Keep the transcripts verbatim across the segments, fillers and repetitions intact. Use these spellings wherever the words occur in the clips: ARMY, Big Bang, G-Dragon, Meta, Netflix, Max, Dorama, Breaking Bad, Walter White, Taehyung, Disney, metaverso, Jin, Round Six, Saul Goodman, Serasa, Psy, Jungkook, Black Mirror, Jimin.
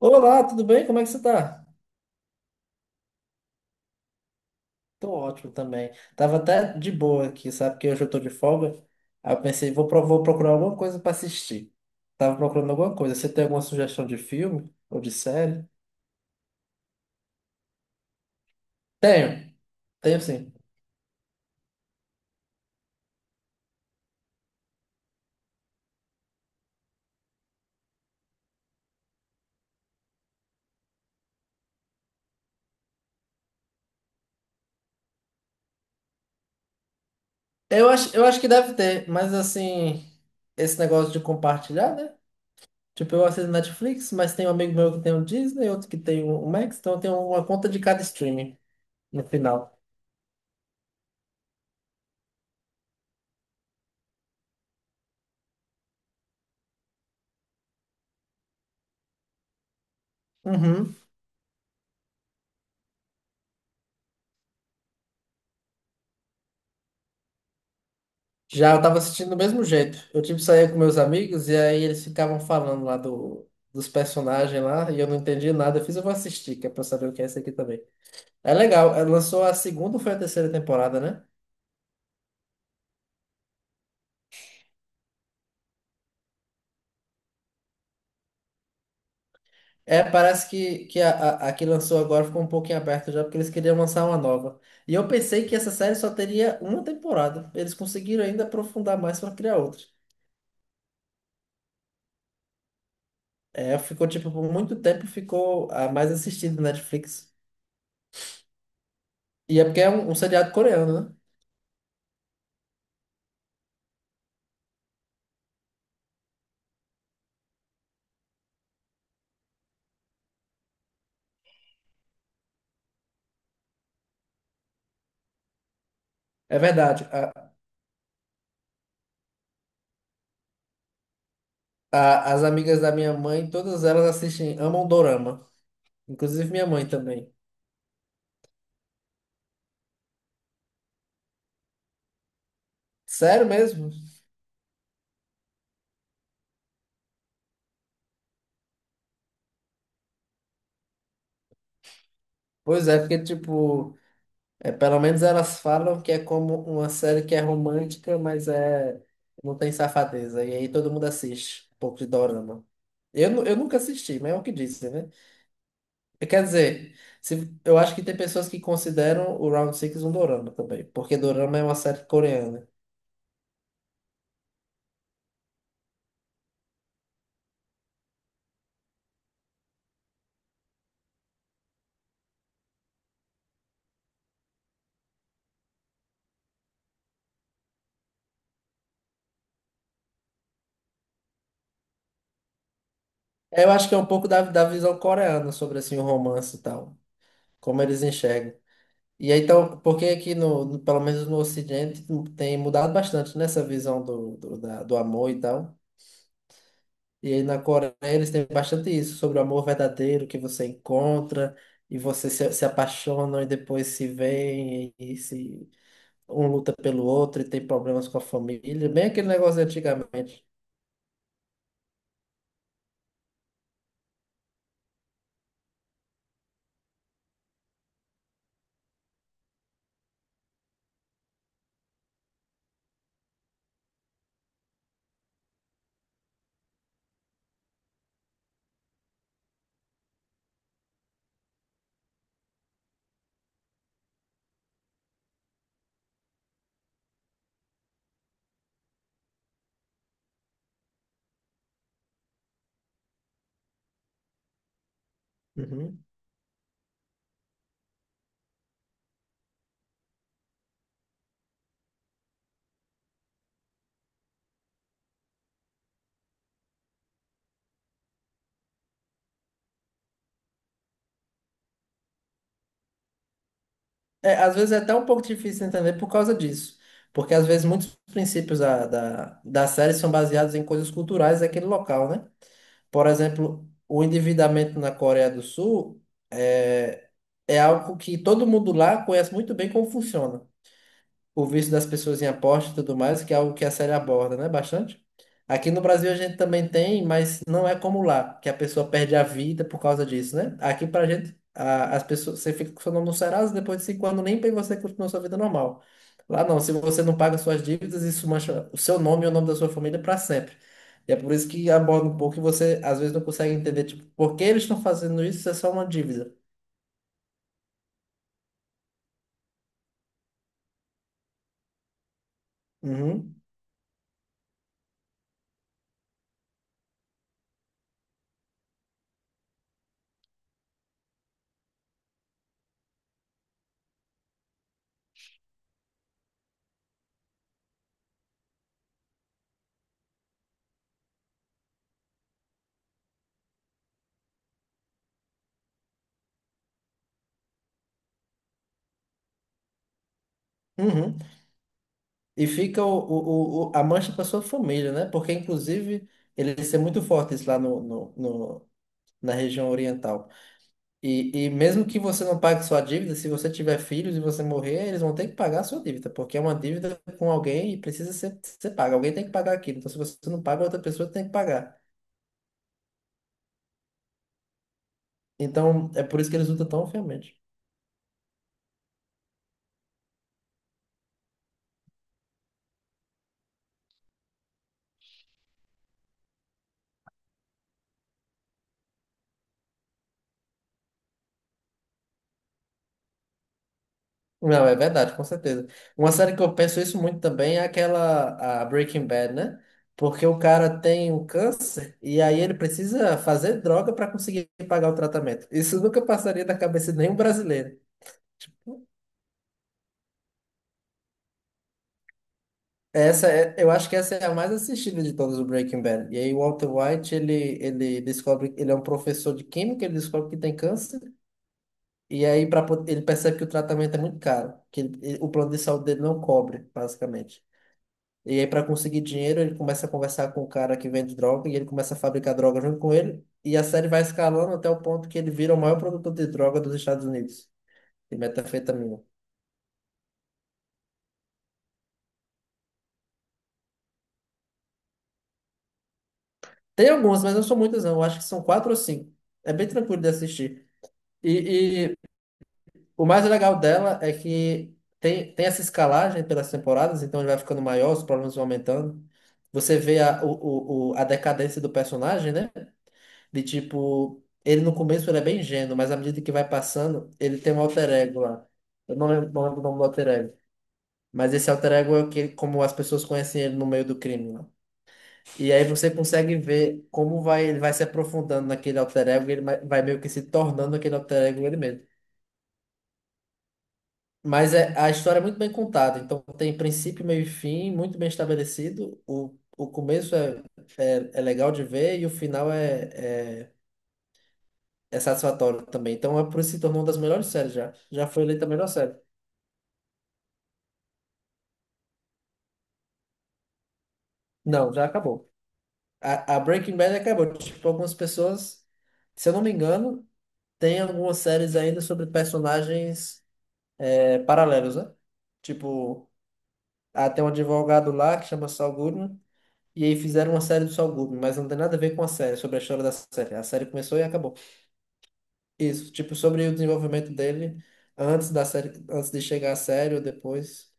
Olá, tudo bem? Como é que você tá? Tô ótimo também. Tava até de boa aqui, sabe? Porque hoje eu tô de folga. Aí eu pensei, vou, pro- vou procurar alguma coisa pra assistir. Tava procurando alguma coisa. Você tem alguma sugestão de filme ou de série? Tenho, tenho sim. Eu acho, eu acho que deve ter, mas assim, esse negócio de compartilhar, né? Tipo, eu assisto Netflix, mas tem um amigo meu que tem o Disney, outro que tem o Max, então eu tenho uma conta de cada streaming no final. Uhum. Já eu tava assistindo do mesmo jeito. Eu, tipo, saía com meus amigos e aí eles ficavam falando lá do, dos personagens lá e eu não entendi nada. Eu fiz, eu vou assistir, que é pra eu saber o que é esse aqui também. É legal, é, lançou a segunda ou foi a terceira temporada, né? É, parece que, que a, a, a que lançou agora ficou um pouquinho aberto já, porque eles queriam lançar uma nova. E eu pensei que essa série só teria uma temporada. Eles conseguiram ainda aprofundar mais pra criar outra. É, ficou, tipo, por muito tempo ficou a mais assistida do Netflix. E é porque é um, um seriado coreano, né? É verdade. A- as amigas da minha mãe, todas elas assistem, amam Dorama. Inclusive minha mãe também. Sério mesmo? Pois é, porque, tipo, é, pelo menos elas falam que é como uma série que é romântica, mas é, não tem safadeza. E aí todo mundo assiste um pouco de Dorama. Eu, nu- eu nunca assisti, mas é o que disse, né? Quer dizer, se, eu acho que tem pessoas que consideram o Round Six um Dorama também, porque Dorama é uma série coreana. Eu acho que é um pouco da, da visão coreana sobre assim, o romance e tal, como eles enxergam. E aí, então, porque aqui, no, no- pelo menos no Ocidente, tem mudado bastante nessa visão do, do, da- do amor e tal. E aí na Coreia eles têm bastante isso, sobre o amor verdadeiro que você encontra, e você se, se apaixonam e depois se veem, e, se um luta pelo outro e tem problemas com a família, bem aquele negócio de antigamente. Uhum. É, às vezes é até um pouco difícil entender por causa disso, porque às vezes muitos princípios da, da, da série são baseados em coisas culturais daquele local, né? Por exemplo, o endividamento na Coreia do Sul é, é algo que todo mundo lá conhece muito bem como funciona o vício das pessoas em aposta e tudo mais, que é algo que a série aborda, né? Bastante. Aqui no Brasil a gente também tem, mas não é como lá, que a pessoa perde a vida por causa disso, né? Aqui pra gente, a- as pessoas, você fica com seu nome no Serasa, depois de cinco anos limpa e você continua sua vida normal. Lá não, se você não paga suas dívidas, isso mancha o seu nome e o nome da sua família pra sempre. E é por isso que aborda um pouco e você às vezes não consegue entender, tipo, por que eles estão fazendo isso? Isso é só uma dívida. Uhum, uhum. E fica o, o, o- a mancha para sua família, né? Porque, inclusive, eles é muito fortes lá no, no, no- na região oriental. E, e mesmo que você não pague sua dívida, se você tiver filhos e você morrer, eles vão ter que pagar a sua dívida, porque é uma dívida com alguém e precisa ser, ser paga. Alguém tem que pagar aquilo. Então, se você não paga, outra pessoa tem que pagar. Então, é por isso que eles lutam tão fielmente. Não, é verdade, com certeza. Uma série que eu penso isso muito também é aquela a Breaking Bad, né? Porque o cara tem um câncer e aí ele precisa fazer droga para conseguir pagar o tratamento. Isso nunca passaria da cabeça de nenhum brasileiro. Tipo, Essa é, eu acho que essa é a mais assistida de todas o Breaking Bad. E aí o Walter White, ele, ele descobre, ele é um professor de química, ele descobre que tem câncer, e aí pra, po- ele percebe que o tratamento é muito caro, que ele- ele- o plano de saúde dele não cobre, basicamente. E aí, para conseguir dinheiro, ele começa a conversar com o cara que vende droga e ele começa a fabricar droga junto com ele. E a série vai escalando até o ponto que ele vira o maior produtor de droga dos Estados Unidos, de metanfetamina. Tem algumas, mas não são muitas, não. Eu acho que são quatro ou cinco. É bem tranquilo de assistir. E, e o mais legal dela é que tem, tem essa escalagem pelas temporadas, então ele vai ficando maior, os problemas vão aumentando. Você vê a, o, o, o- a decadência do personagem, né? De tipo, ele no começo ele é bem ingênuo, mas à medida que vai passando, ele tem um alter ego lá. Eu não lembro, não lembro o nome do alter ego. Mas esse alter ego é o que, como as pessoas conhecem ele no meio do crime lá. E aí você consegue ver como vai, ele vai se aprofundando naquele alter ego, e ele vai vai meio que se tornando aquele alter ego ele mesmo. Mas é, a história é muito bem contada, então tem princípio, meio e fim, muito bem estabelecido. O, o começo é, é, é legal de ver e o final é, é é satisfatório também. Então, é por isso que se tornou uma das melhores séries já. Já foi eleita a melhor série. Não, já acabou. A, a Breaking Bad acabou. Tipo, algumas pessoas, se eu não me engano, tem algumas séries ainda sobre personagens é, paralelos, né? Tipo, ah, tem um advogado lá que chama Saul Goodman. E aí fizeram uma série do Saul Goodman, mas não tem nada a ver com a série, sobre a história da série. A série começou e acabou. Isso, tipo, sobre o desenvolvimento dele antes da série, antes de chegar à série ou depois.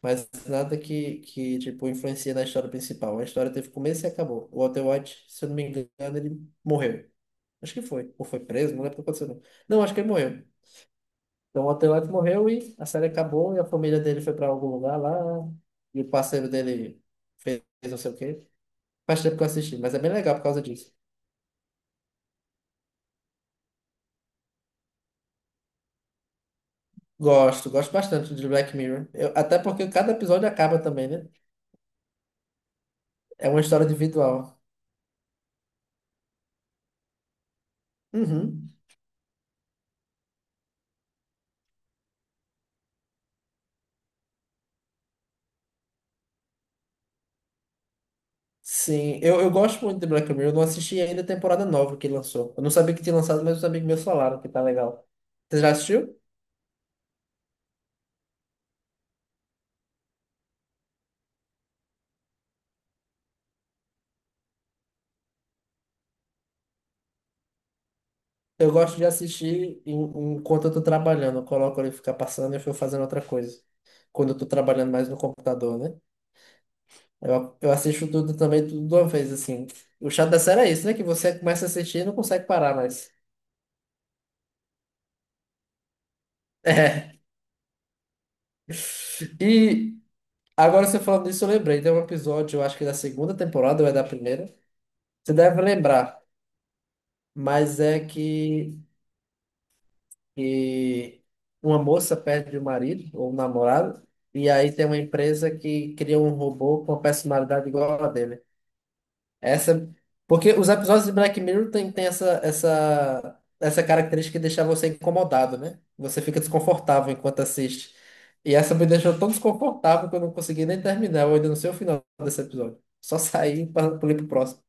Mas nada que, que tipo, influencia na história principal. A história teve começo e acabou. O Walter White, se eu não me engano, ele morreu. Acho que foi. Ou foi preso, não lembro o que aconteceu. Não, Não, acho que ele morreu. Então o Walter White morreu e a série acabou e a família dele foi pra algum lugar lá. E o parceiro dele fez não sei o quê. Faz tempo que eu assisti, mas é bem legal por causa disso. Gosto, gosto bastante de Black Mirror. Eu- até porque cada episódio acaba também, né? É uma história individual. Uhum. Sim, eu, eu gosto muito de Black Mirror. Eu não assisti ainda a temporada nova que lançou. Eu não sabia que tinha lançado, mas os amigos meus falaram que tá legal. Você já assistiu? Eu gosto de assistir em- enquanto eu tô trabalhando. Eu coloco ele ficar passando e eu fico fazendo outra coisa. Quando eu tô trabalhando mais no computador, né? Eu, eu assisto tudo também, tudo de uma vez, assim. O chato da série é isso, né? Que você começa a assistir e não consegue parar mais. É. E agora você falando disso, eu lembrei. Tem um episódio, eu acho que da segunda temporada ou é da primeira. Você deve lembrar. Mas é que, que uma moça perde o marido ou o namorado, e aí tem uma empresa que cria um robô com uma personalidade igual a dele. Essa, porque os episódios de Black Mirror tem, tem essa, essa, essa característica de deixar você incomodado, né? Você fica desconfortável enquanto assiste. E essa me deixou tão desconfortável que eu não consegui nem terminar. Eu ainda não sei o final desse episódio. Só saí para pular pro próximo.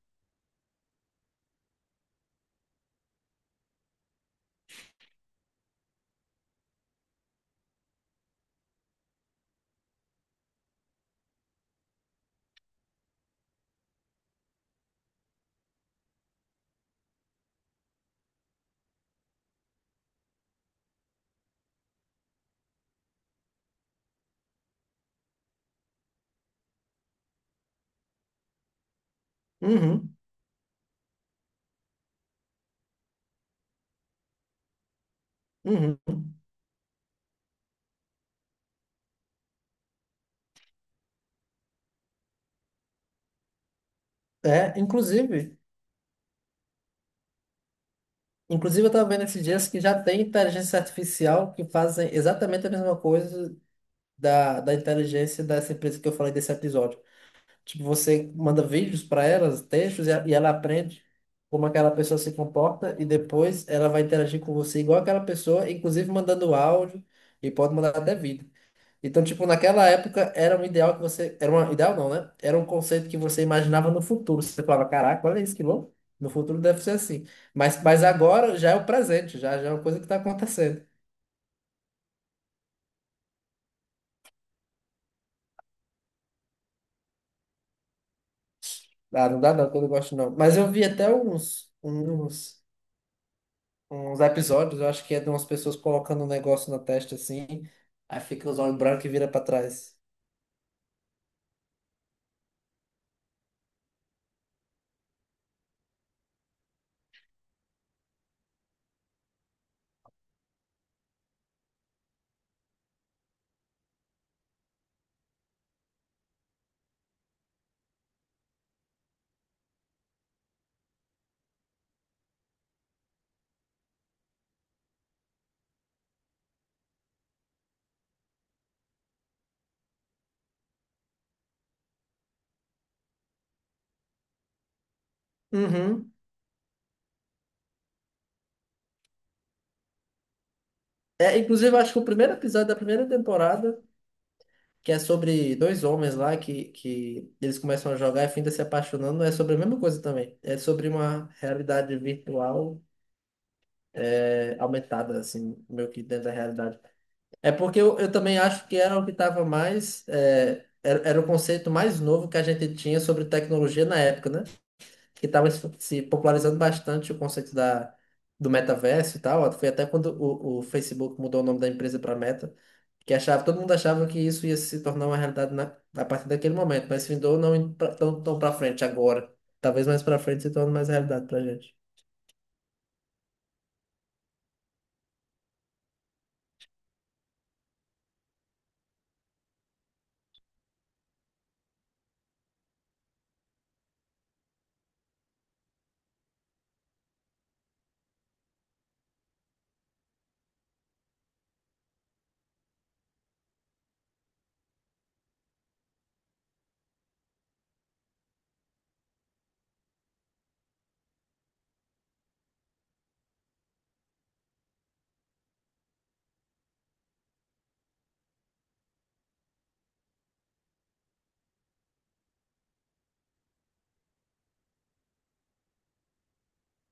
Uhum, uhum. É, inclusive. Inclusive, eu estava vendo esses dias que já tem inteligência artificial que fazem exatamente a mesma coisa da, da inteligência dessa empresa que eu falei desse episódio. Tipo, você manda vídeos para elas, textos, e, a- e ela aprende como aquela pessoa se comporta e depois ela vai interagir com você igual aquela pessoa, inclusive mandando áudio e pode mandar até vídeo. Então, tipo, naquela época era um ideal que você. Era um ideal não, né? Era um conceito que você imaginava no futuro. Você falava, caraca, olha isso que louco. No futuro deve ser assim. Mas, mas agora já é o presente, já, já é uma coisa que está acontecendo. Ah, não dá não, que eu não gosto não. Mas eu vi até uns, uns, uns episódios, eu acho que é de umas pessoas colocando um negócio na testa assim, aí fica os olhos brancos e vira pra trás. Uhum. É, inclusive, eu acho que o primeiro episódio da primeira temporada. Que é sobre dois homens lá que, que eles começam a jogar e fim se apaixonando. É sobre a mesma coisa também. É sobre uma realidade virtual é, aumentada, assim, meio que dentro da realidade. É porque eu, eu também acho que era o que estava mais. é, era, era o conceito mais novo que a gente tinha sobre tecnologia na época, né? Que estava se se popularizando bastante o conceito da. Do metaverso e tal, foi até quando o, o Facebook mudou o nome da empresa para Meta. Que achava, todo mundo achava que isso ia se tornar uma realidade na, a partir daquele momento, mas findou não indo pra- tão, tão pra frente agora. Talvez mais pra frente se torne mais realidade pra gente.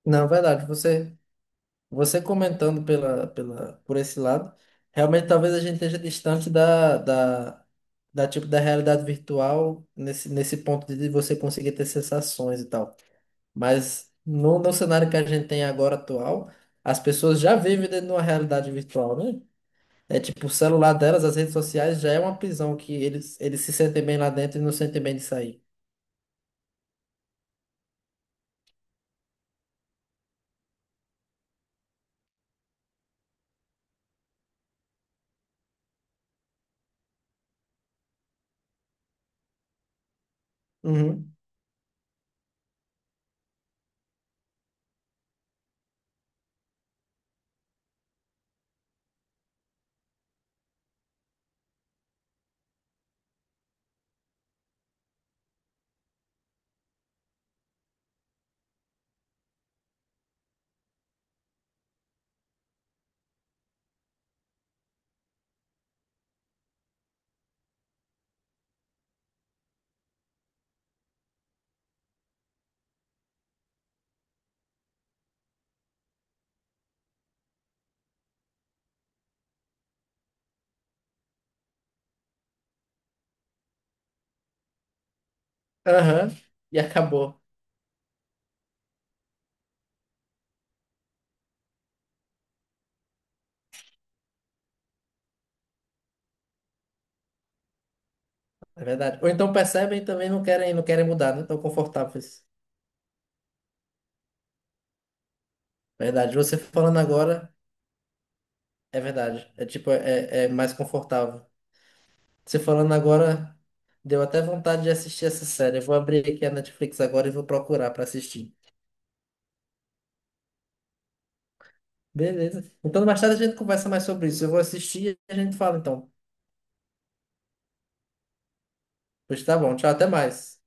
Não, verdade, você, você comentando pela, pela, por esse lado, realmente talvez a gente esteja distante da, da, da, tipo, da realidade virtual nesse, nesse ponto de você conseguir ter sensações e tal. Mas no, no cenário que a gente tem agora atual, as pessoas já vivem dentro de uma realidade virtual, né? É tipo, o celular delas, as redes sociais, já é uma prisão que eles, eles se sentem bem lá dentro e não sentem bem de sair. Uhum. Aham. E acabou. É verdade. Ou então percebem e também não querem, não querem mudar, não estão confortáveis. Verdade. Você falando agora, é verdade. É tipo, é, é mais confortável. Você falando agora, deu até vontade de assistir essa série. Eu vou abrir aqui a Netflix agora e vou procurar pra assistir. Beleza. Então, mais tarde a gente conversa mais sobre isso. Eu vou assistir e a gente fala então. Pois tá bom. Tchau, até mais.